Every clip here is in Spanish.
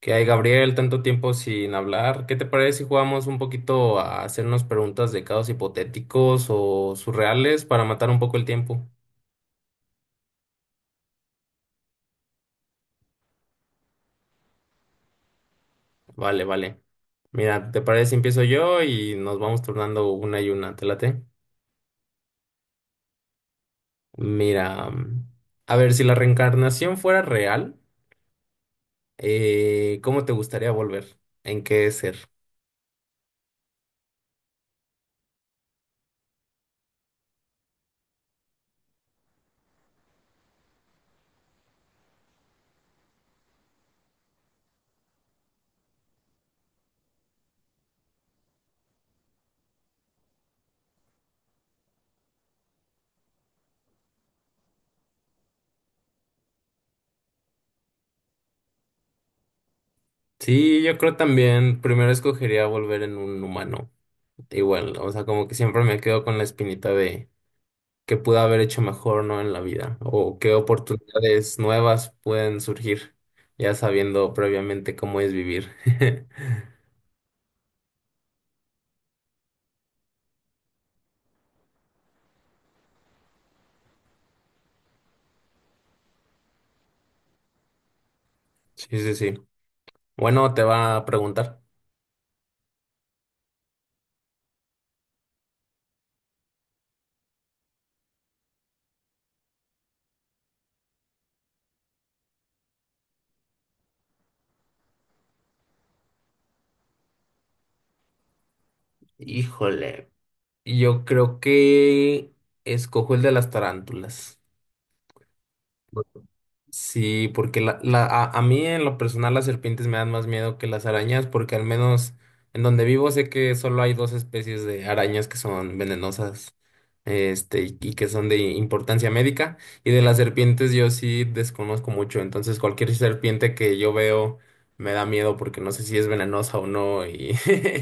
¿Qué hay, Gabriel? Tanto tiempo sin hablar. ¿Qué te parece si jugamos un poquito a hacernos preguntas de casos hipotéticos o surreales para matar un poco el tiempo? Vale. Mira, ¿te parece si empiezo yo y nos vamos turnando una y una? ¿Te late? Mira, a ver, si la reencarnación fuera real, ¿cómo te gustaría volver? ¿En qué ser? Sí, yo creo también, primero escogería volver en un humano. Igual, o sea, como que siempre me quedo con la espinita de que pude haber hecho mejor, ¿no? En la vida, o qué oportunidades nuevas pueden surgir, ya sabiendo previamente cómo es vivir. Sí, sí, sí. Bueno, te va a preguntar. Híjole, yo creo que escojo el de las tarántulas. Sí, porque a mí en lo personal las serpientes me dan más miedo que las arañas, porque al menos en donde vivo sé que solo hay 2 especies de arañas que son venenosas, y que son de importancia médica, y de las serpientes yo sí desconozco mucho, entonces cualquier serpiente que yo veo me da miedo porque no sé si es venenosa o no, y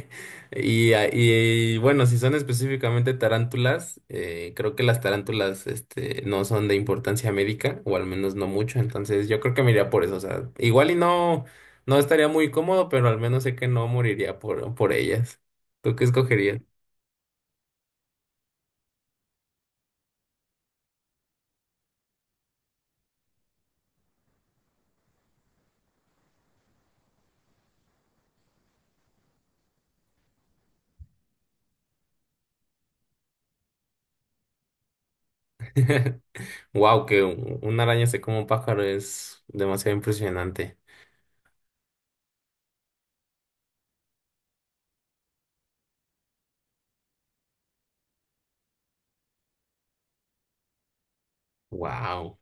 Bueno, si son específicamente tarántulas, creo que las tarántulas no son de importancia médica, o al menos no mucho, entonces yo creo que me iría por eso. O sea, igual y no, estaría muy cómodo, pero al menos sé que no moriría por ellas. ¿Tú qué escogerías? Wow, que una araña se coma un pájaro es demasiado impresionante. Wow.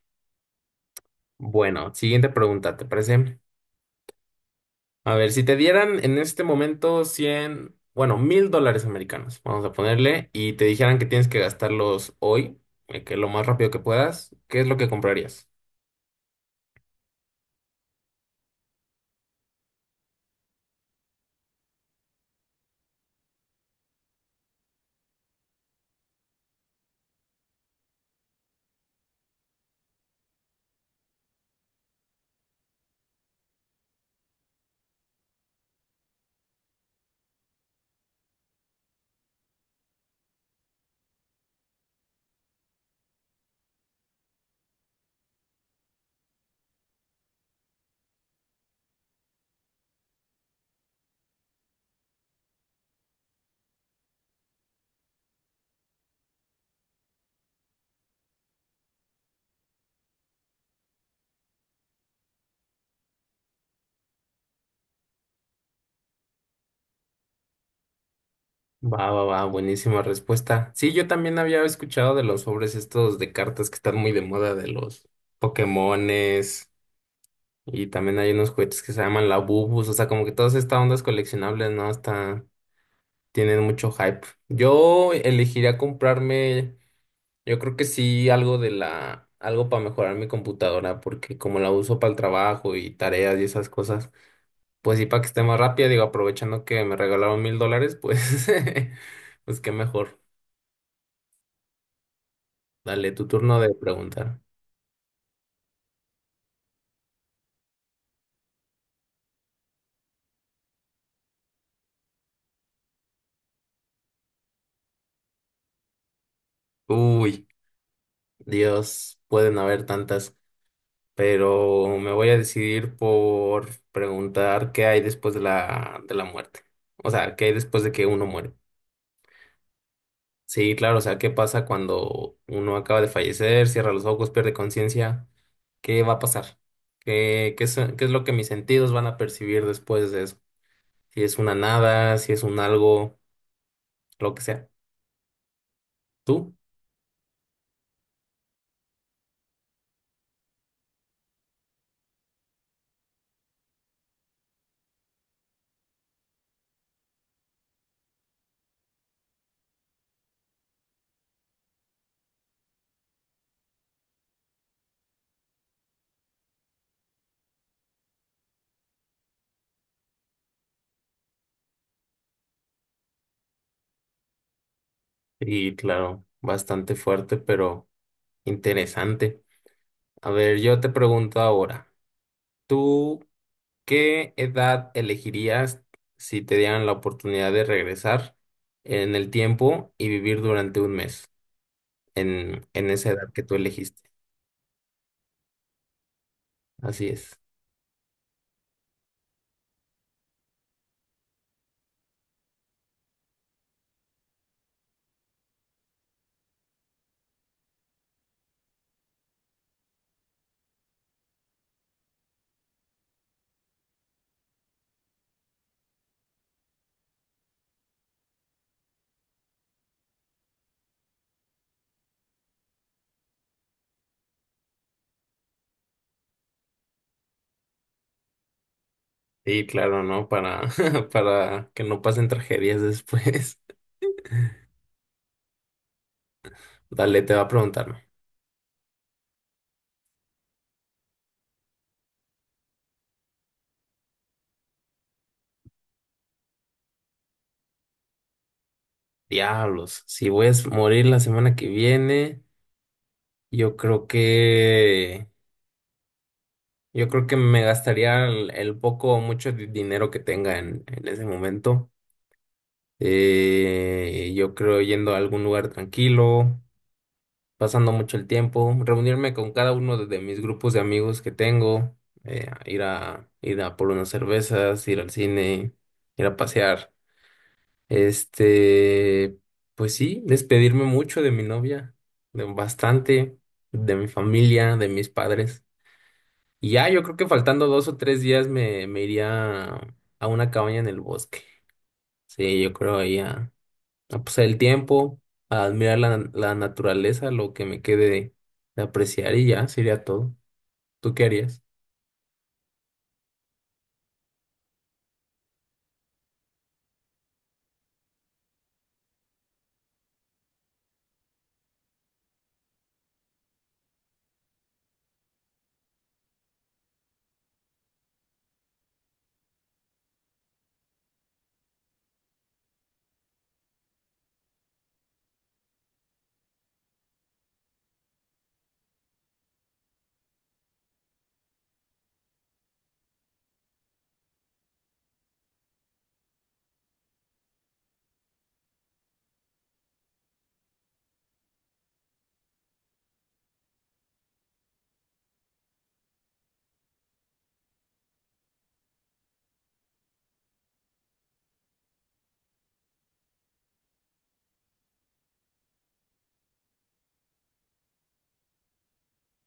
Bueno, siguiente pregunta, ¿te parece? A ver, si te dieran en este momento 100, bueno, $1,000 americanos, vamos a ponerle, y te dijeran que tienes que gastarlos hoy, que lo más rápido que puedas, ¿qué es lo que comprarías? Va, va, va, buenísima respuesta. Sí, yo también había escuchado de los sobres estos de cartas que están muy de moda, de los Pokémones, y también hay unos juguetes que se llaman la Bubus, o sea, como que todas estas ondas coleccionables, ¿no? Hasta tienen mucho hype. Yo elegiría comprarme. Yo creo que sí, algo de la, algo para mejorar mi computadora, porque como la uso para el trabajo y tareas y esas cosas, pues sí, para que esté más rápida, digo, aprovechando que me regalaron $1,000, pues, pues qué mejor. Dale, tu turno de preguntar. Uy, Dios, pueden haber tantas, pero me voy a decidir por preguntar qué hay después de la muerte. O sea, qué hay después de que uno muere. Sí, claro, o sea, ¿qué pasa cuando uno acaba de fallecer, cierra los ojos, pierde conciencia? ¿Qué va a pasar? ¿Qué es lo que mis sentidos van a percibir después de eso? Si es una nada, si es un algo, lo que sea. Tú. Y claro, bastante fuerte, pero interesante. A ver, yo te pregunto ahora, ¿tú qué edad elegirías si te dieran la oportunidad de regresar en el tiempo y vivir durante un mes en esa edad que tú elegiste? Así es. Sí, claro, ¿no? Para, para que no pasen tragedias después. Dale, te va a preguntarme. Diablos, si voy a morir la semana que viene, yo creo que, yo creo que me gastaría el poco o mucho dinero que tenga en ese momento. Yo creo yendo a algún lugar tranquilo, pasando mucho el tiempo, reunirme con cada uno de mis grupos de amigos que tengo, ir a, ir a por unas cervezas, ir al cine, ir a pasear. Este, pues sí, despedirme mucho de mi novia, de bastante, de mi familia, de mis padres. Y ya, yo creo que faltando 2 o 3 días me, me iría a una cabaña en el bosque. Sí, yo creo ahí a pasar el tiempo, a admirar la, la naturaleza, lo que me quede de apreciar y ya, sería todo. ¿Tú qué harías?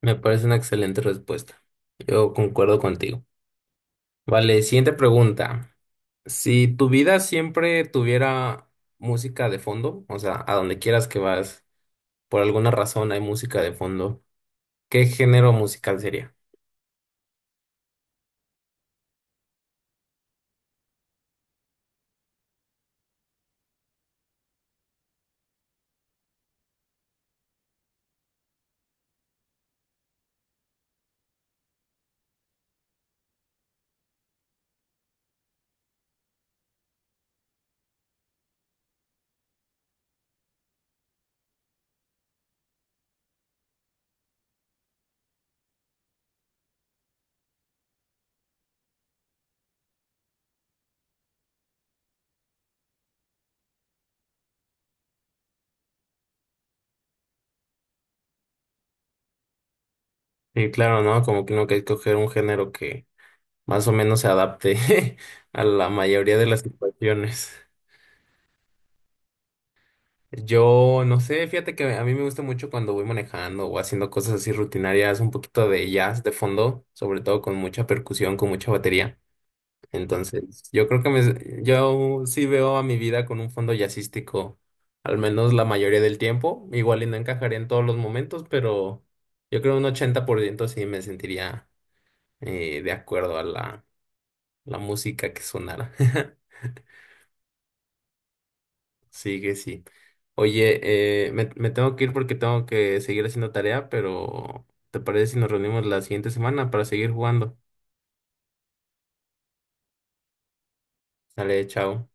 Me parece una excelente respuesta. Yo concuerdo contigo. Vale, siguiente pregunta. Si tu vida siempre tuviera música de fondo, o sea, a donde quieras que vas, por alguna razón hay música de fondo, ¿qué género musical sería? Y claro, ¿no? Como que uno que escoger un género que más o menos se adapte a la mayoría de las situaciones. Yo no sé, fíjate que a mí me gusta mucho cuando voy manejando o haciendo cosas así rutinarias, un poquito de jazz de fondo, sobre todo con mucha percusión, con mucha batería. Entonces, yo creo que me, yo sí veo a mi vida con un fondo jazzístico, al menos la mayoría del tiempo. Igual y no encajaría en todos los momentos, pero yo creo un 80% sí me sentiría de acuerdo a la, la música que sonara. Sí que sí. Oye, me tengo que ir porque tengo que seguir haciendo tarea, pero ¿te parece si nos reunimos la siguiente semana para seguir jugando? Dale, chao.